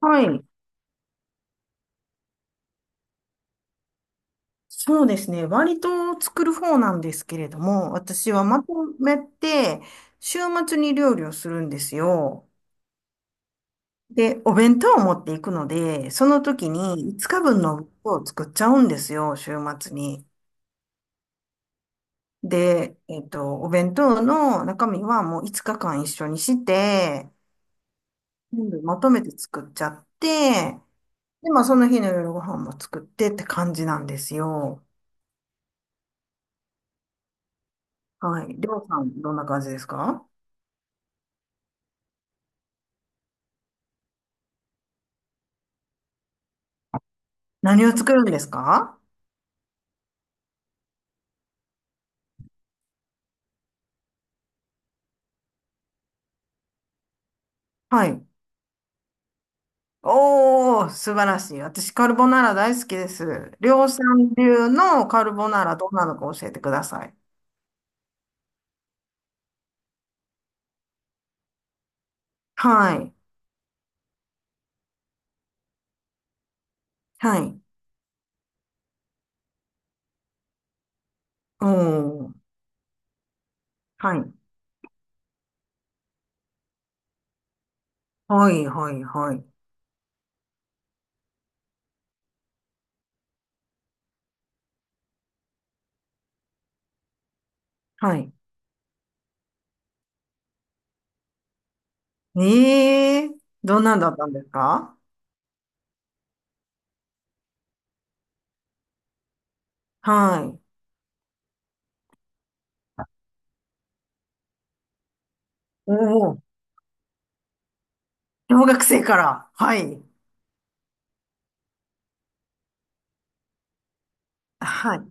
はい。そうですね。割と作る方なんですけれども、私はまとめて、週末に料理をするんですよ。で、お弁当を持っていくので、その時に5日分の分を作っちゃうんですよ、週末に。で、お弁当の中身はもう5日間一緒にして、全部まとめて作っちゃって、で、まあその日の夜ご飯も作ってって感じなんですよ。はい。りょうさん、どんな感じですか？何を作るんですか？はい。おー、素晴らしい。私、カルボナーラ大好きです。量産流のカルボナーラ、どんなのか教えてください。はい。はい。おー、はい。はい、はい、はい。はい。えー、どんなんだったんですか？はい。おー、小学生から。はい。はい。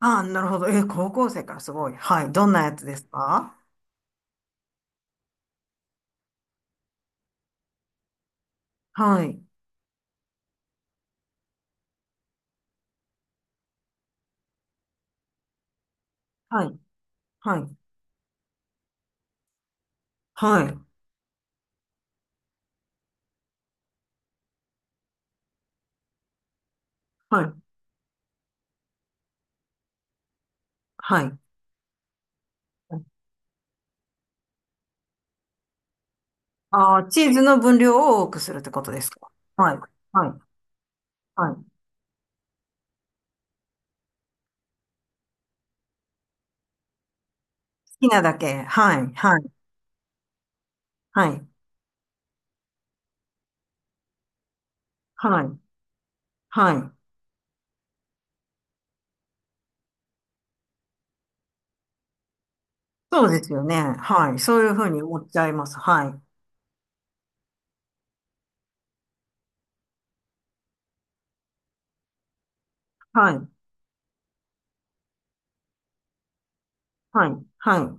あー、なるほど。高校生からすごい。はい。どんなやつですか？はい。はい。はい。はい。はい。はい。ああ、チーズの分量を多くするってことですか？はい。はい。はい。好きなだけ。はい。はい。はい。はい。はい。そうですよね。はい。そういうふうに思っちゃいます。はい。はい。はい。はい。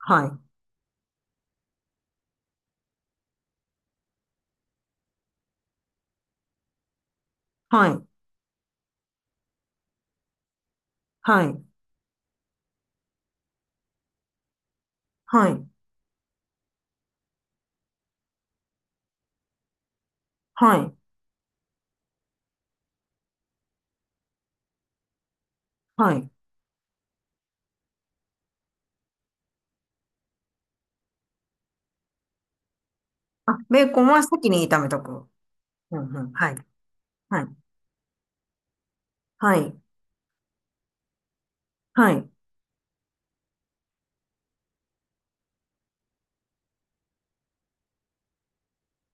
はい。はい。はい。はい。はい。はい。はい。あ、ベーコンは先に炒めとく。うん、うん。はい。はい。はい。はい。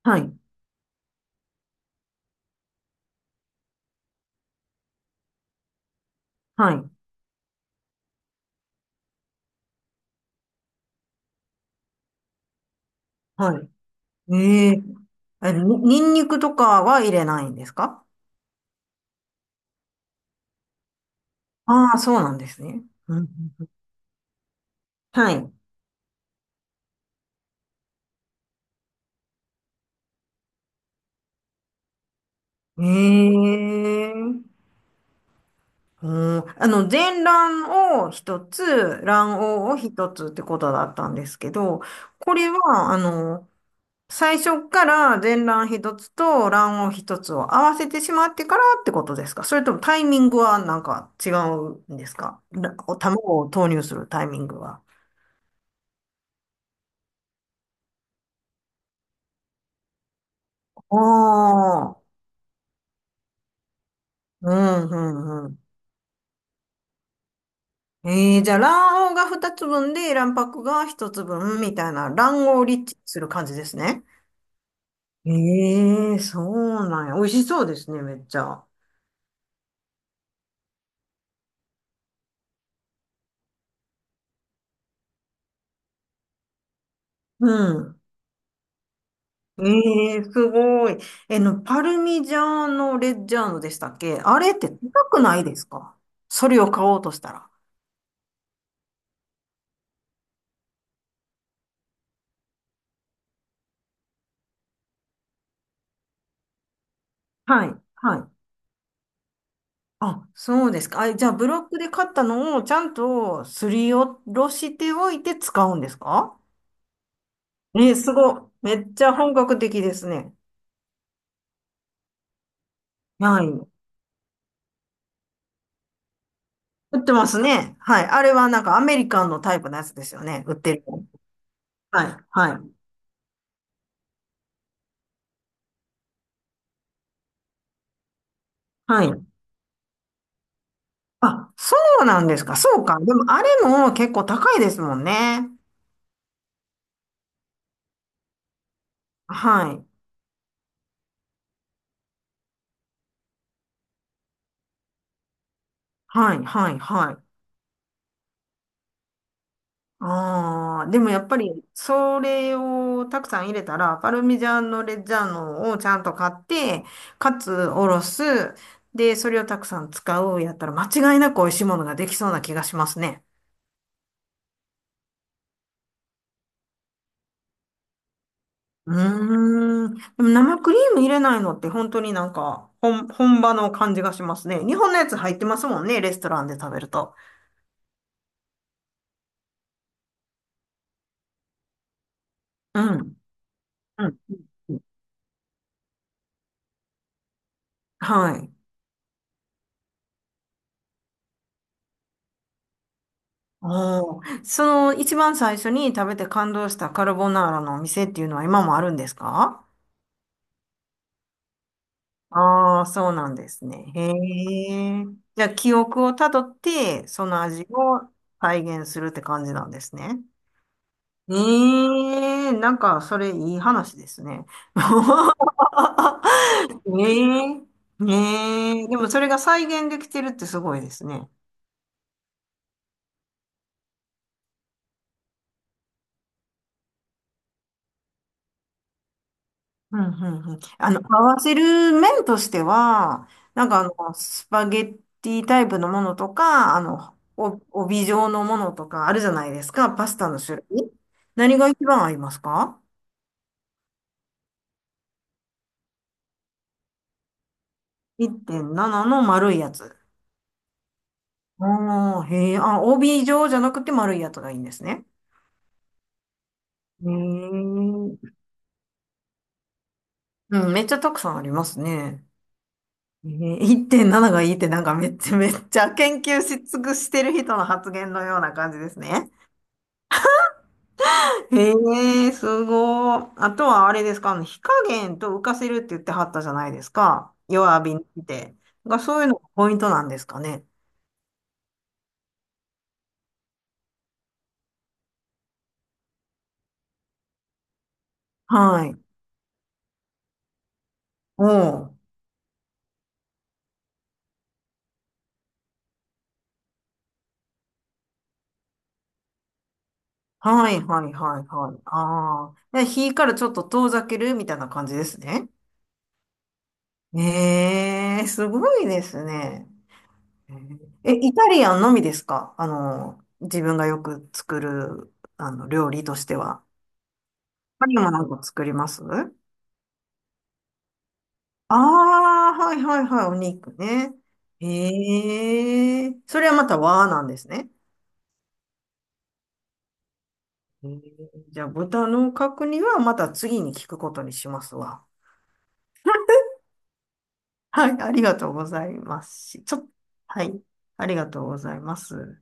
はい。はい。はい。ええ。え、に、ニンニクとかは入れないんですか？ああ、そうなんですね。うんうん。はい。ええ。うん、あの、全卵を一つ、卵黄を一つってことだったんですけど、これは、あの、最初から全卵一つと卵黄一つを合わせてしまってからってことですか？それともタイミングはなんか違うんですから卵を投入するタイミングは。あー、うん、うん、ええ。じゃあ、卵黄が二つ分で、卵白が一つ分みたいな、卵黄をリッチする感じですね。ええ。そうなんや。美味しそうですね、めっちゃ。うん。ええすごい。えの、パルミジャーノ・レッジャーノでしたっけ？あれって高くないですか？それを買おうとしたら。はい、はい。あ、そうですか。あ、じゃあ、ブロックで買ったのをちゃんとすりおろしておいて使うんですか？ええすごい。めっちゃ本格的ですね。はい。売ってますね。はい。あれはなんかアメリカンのタイプのやつですよね。売ってる。はい。はい。はい。あ、そうなんですか。そうか。でもあれも結構高いですもんね。はい。はい。はい。はい。ああ、でもやっぱり、それをたくさん入れたら、パルミジャーノ・レッジャーノをちゃんと買って、かつおろす。で、それをたくさん使うやったら、間違いなく美味しいものができそうな気がしますね。うーん。でも生クリーム入れないのって本当になんか本場の感じがしますね。日本のやつ入ってますもんね、レストランで食べると。うん。うん。はい。おー。その一番最初に食べて感動したカルボナーラのお店っていうのは今もあるんですか？ああー、そうなんですね。へえ。じゃあ記憶をたどって、その味を再現するって感じなんですね。ええー、なんか、それいい話ですね。ええ。ねえ、でもそれが再現できてるってすごいですね。うんうんうん。あの、合わせる麺としては、なんかあの、スパゲッティタイプのものとか、あの、お、帯状のものとかあるじゃないですか、パスタの種類。何が一番合いますか ?1.7 の丸いやつ。おー、へえ、あ、帯状じゃなくて丸いやつがいいんですね。ええ。うん、めっちゃたくさんありますね。1.7がいいってなんかめっちゃめっちゃ研究し尽くしてる人の発言のような感じですね。へえすごい。あとはあれですか？あの火加減と浮かせるって言ってはったじゃないですか。弱火にして。が、そういうのがポイントなんですかね。はい。おう。はいはいはいはい。ああ。で、火からちょっと遠ざけるみたいな感じですね。ええすごいですね。うん。え、イタリアンのみですか？あの、自分がよく作る、あの、料理としては。他にもなんか作りますああー、はいはいはい、お肉ね。へえ、それはまた和なんですね。へー。じゃあ、豚の角煮はまた次に聞くことにしますわ。はい、ありがとうございます。ちょ、はい、ありがとうございます。